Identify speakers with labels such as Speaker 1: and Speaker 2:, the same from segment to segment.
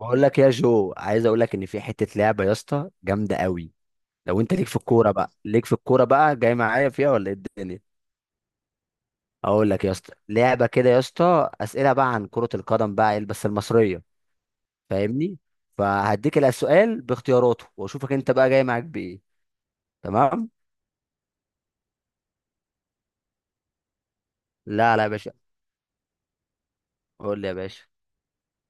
Speaker 1: بقول لك يا جو، عايز اقول لك ان في حته لعبه يا اسطى جامده قوي. لو انت ليك في الكوره بقى جاي معايا فيها ولا ايه الدنيا؟ اقول لك يا اسطى لعبه كده يا اسطى، اسئله بقى عن كره القدم بقى بس المصريه. فاهمني؟ فهديك السؤال باختياراته واشوفك انت بقى جاي معاك بايه. تمام. لا لا يا باشا. قول لي يا باشا.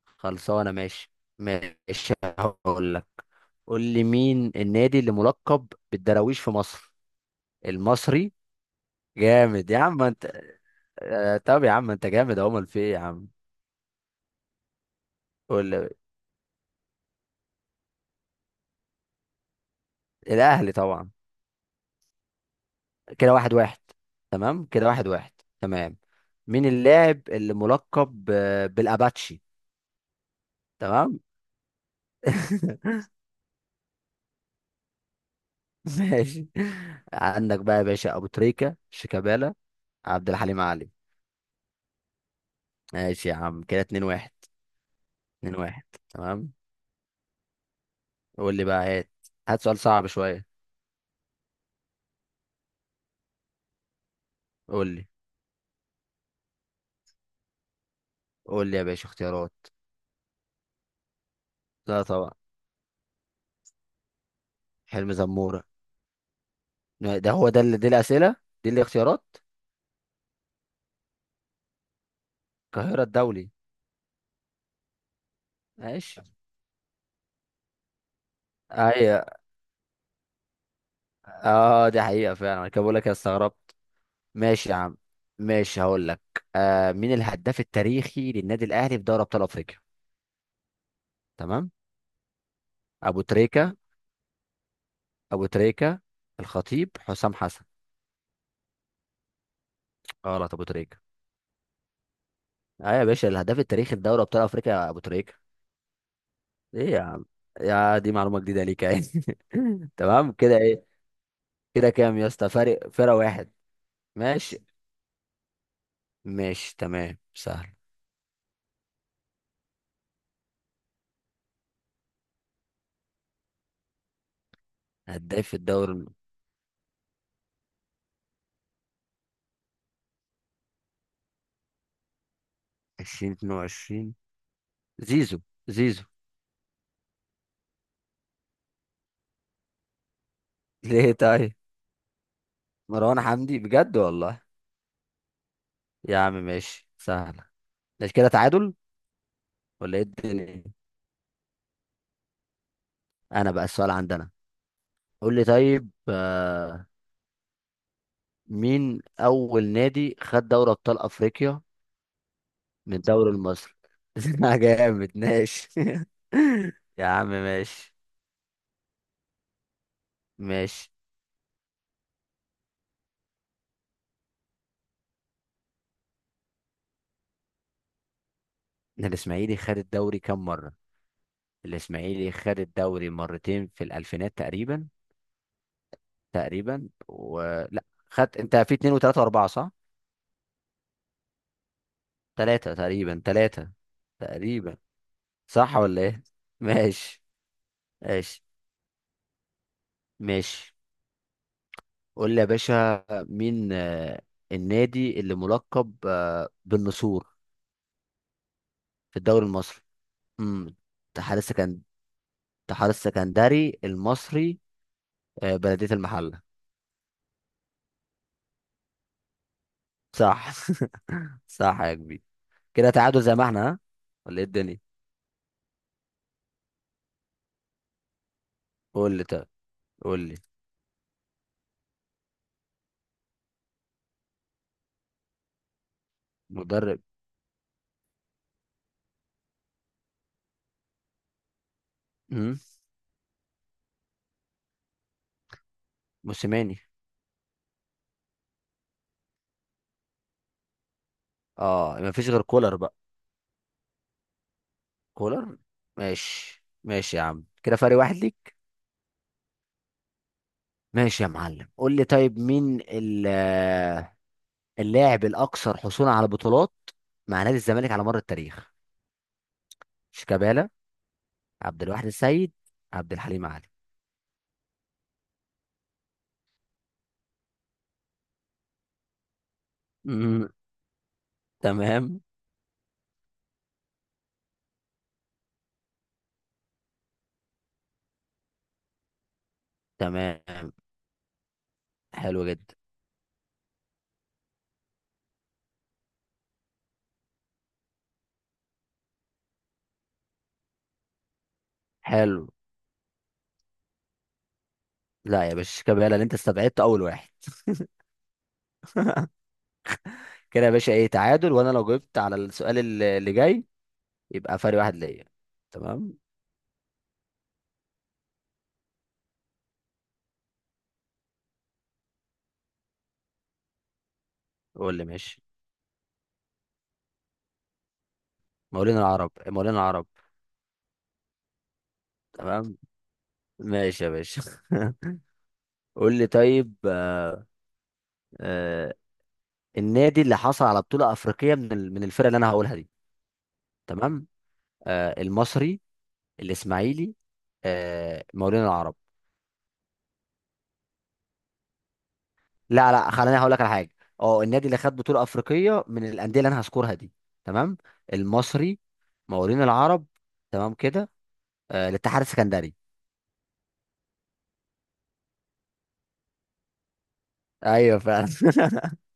Speaker 1: خلصانه، ماشي. ماشي هقول لك. قول لي، مين النادي اللي ملقب بالدراويش في مصر؟ المصري. جامد يا عم انت. طب يا عم انت جامد اهو، امال في ايه يا عم؟ قول لي. الاهلي طبعا. كده واحد واحد. تمام كده واحد واحد. تمام. مين اللاعب اللي ملقب بالاباتشي؟ تمام. ماشي. عندك بقى يا باشا ابو تريكة، شيكابالا، عبد الحليم علي. ماشي يا عم، كده اتنين واحد. اتنين واحد. تمام. قول لي بقى، هات. هات سؤال صعب شوية. قول لي. قول لي يا باشا اختيارات. لا طبعا. حلمي زمورة. ده هو ده اللي دي الأسئلة. دي الاختيارات. القاهرة الدولي. ماشي. هي، اه دي حقيقة فعلا، انا كده بقول لك أنا استغربت. ماشي يا عم. ماشي هقول لك. آه، مين الهداف التاريخي للنادي الأهلي في دوري أبطال أفريقيا؟ تمام. أبو تريكة. أبو تريكة. الخطيب، حسام حسن. غلط، أبو تريكة. اه يا باشا، الهداف التاريخي لدوري أبطال أفريقيا أبو تريكة. ايه يا عم؟ يا دي معلومة جديدة ليك يعني. تمام كده، ايه؟ كده كام يا اسطى؟ فارق، فرق واحد. ماشي. ماشي تمام سهل. هداف الدوري 2022. زيزو. زيزو. ليه طيب؟ مروان حمدي، بجد والله؟ يا عم ماشي سهلة. مش كده تعادل ولا ايه الدنيا؟ انا بقى السؤال عندنا. قول لي طيب، مين اول نادي خد دوري ابطال افريقيا من الدوري المصري؟ جامد ماشي. يا عم ماشي. ماشي. الاسماعيلي خد الدوري كام مرة؟ الاسماعيلي خد الدوري مرتين في الالفينات تقريبا. تقريبا، ولا؟ خدت انت في اتنين وتلاتة واربعة، صح؟ تلاتة تقريبا، تلاتة. تقريبا. صح ولا ايه؟ ماشي. ماشي. ماشي. قول لي يا باشا، مين النادي اللي ملقب بالنسور في الدوري المصري؟ امم اتحاد السكن اتحاد السكندري، المصري، آه، بلدية المحلة. صح. صح يا كبير. كده تعادل زي ما احنا، ها؟ ولا ايه الدنيا؟ قول لي طيب. قول لي. مدرب. امم موسيماني. اه مفيش غير كولر بقى. كولر. ماشي ماشي يا عم، كده فرق واحد ليك. ماشي يا معلم. قول لي طيب، مين اللاعب الاكثر حصولا على بطولات مع نادي الزمالك على مر التاريخ؟ شيكابالا، عبد الواحد السيد، عبد الحليم علي. مم. تمام. تمام. حلو جدا. حلو. لا يا باشا، شيكابالا اللي انت استبعدت اول واحد. كده يا باشا ايه، تعادل، وانا لو جبت على السؤال اللي جاي يبقى فرق واحد ليا. تمام. قول لي ماشي. مولين العرب، مولين العرب. تمام. ماشي يا باشا. قول لي طيب، آه النادي اللي حصل على بطولة أفريقية من الفرق اللي أنا هقولها دي. تمام. آه المصري، الإسماعيلي، آه مقاولين العرب. لا لا، خليني هقول لك على حاجة. اه، النادي اللي خد بطولة أفريقية من الأندية اللي أنا هذكرها دي. تمام. المصري، مقاولين العرب، تمام كده، آه الاتحاد السكندري. أيوه فعلا.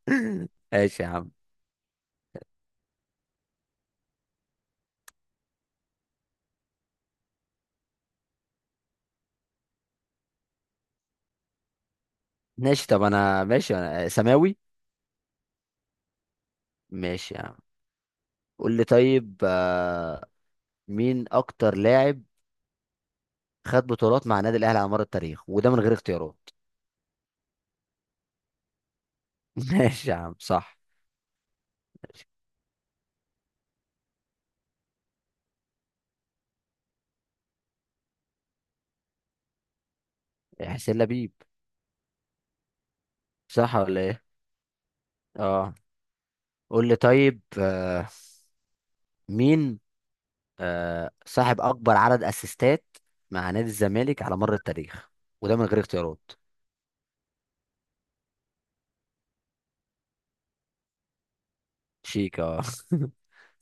Speaker 1: ماشي يا عم. ماشي طب أنا، ماشي أنا، سماوي. ماشي يا عم. قول لي طيب، مين اكتر لاعب خد بطولات مع النادي الاهلي على مر التاريخ؟ وده من غير اختيارات. ماشي يا عم صح. حسين لبيب. صح ولا ايه؟ اه. قول لي طيب، مين صاحب اكبر عدد اسيستات مع نادي الزمالك على مر التاريخ؟ وده من غير اختيارات. شيك، اه.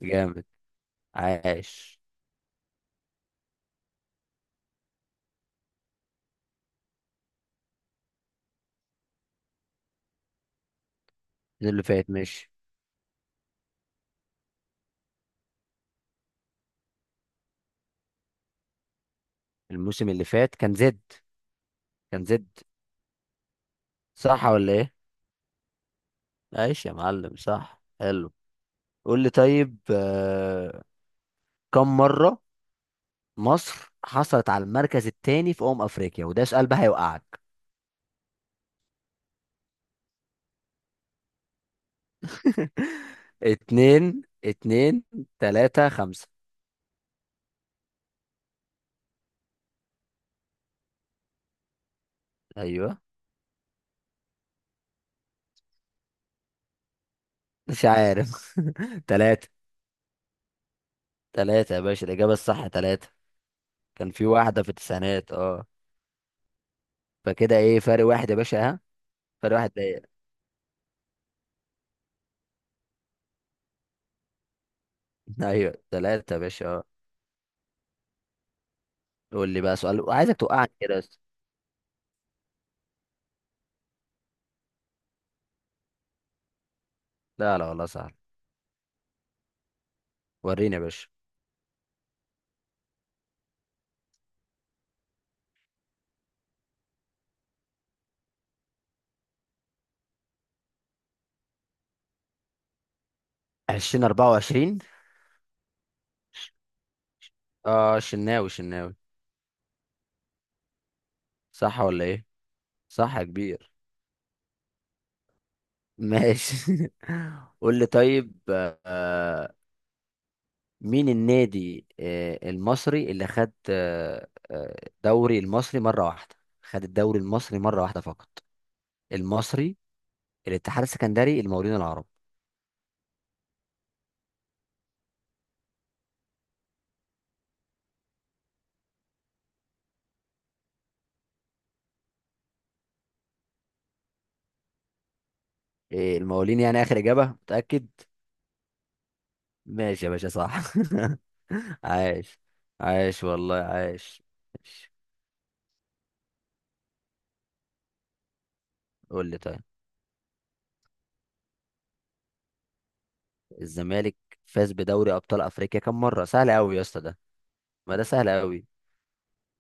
Speaker 1: جامد. عاش. ده اللي فات ماشي. الموسم اللي فات كان زد. كان زد. صح ولا ايه؟ عاش يا معلم صح، حلو. قول لي طيب، كم مرة مصر حصلت على المركز الثاني في أمم أفريقيا؟ وده سؤال بقى هيوقعك. اتنين، اتنين، تلاتة، خمسة. أيوه. مش عارف. تلاتة. تلاتة يا باشا، الإجابة الصح تلاتة. كان في واحدة في التسعينات اه. فكده إيه، فرق واحد يا باشا، ها؟ فرق واحد ليا. أيوه تلاتة يا باشا اه. قول لي بقى سؤال وعايزك توقعني كده بس. لا لا والله سهل. وريني يا باشا. عشرين أربعة وعشرين. اه شناوي، شناوي. صح ولا إيه؟ صح يا كبير. ماشي. قول لي طيب، مين النادي المصري اللي خد الدوري المصري مرة واحدة؟ خد الدوري المصري مرة واحدة فقط. المصري، الاتحاد السكندري، المقاولين العرب. المقاولين، يعني آخر إجابة متأكد. ماشي يا باشا صح. عاش. عاش والله عاش. ماشي. قول لي طيب. الزمالك فاز بدوري أبطال أفريقيا كم مرة؟ سهل أوي يا اسطى ده. ما ده سهل أوي.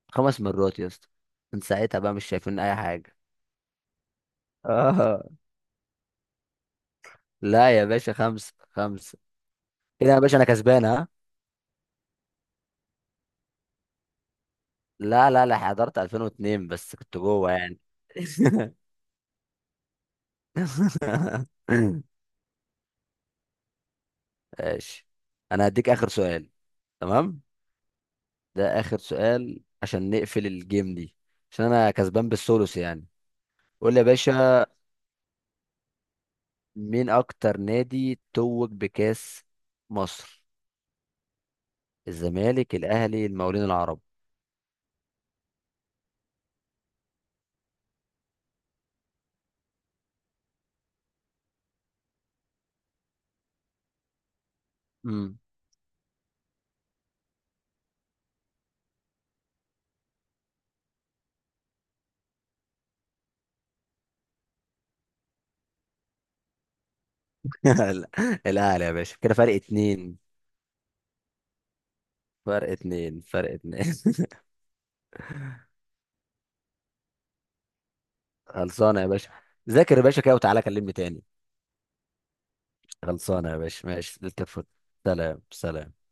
Speaker 1: خمس مرات يا اسطى. من ساعتها بقى مش شايفين اي حاجه. اه. لا يا باشا، خمسه خمسه. كده يا باشا انا كسبان، ها؟ لا لا لا، حضرت 2002 بس كنت جوه يعني. ماشي. انا هديك اخر سؤال. تمام. ده اخر سؤال عشان نقفل الجيم دي. عشان انا كسبان بالثلث يعني. قول لي يا باشا. مين اكتر نادي توج بكاس مصر؟ الزمالك، الاهلي، المقاولين العرب. لا. الاهلي يا باشا، كده فرق اتنين. فرق اتنين، فرق اتنين. خلصانه يا باشا. ذاكر يا باشا كده وتعالى كلمني تاني. خلصانه يا باشا، ماشي تتفق. سلام سلام.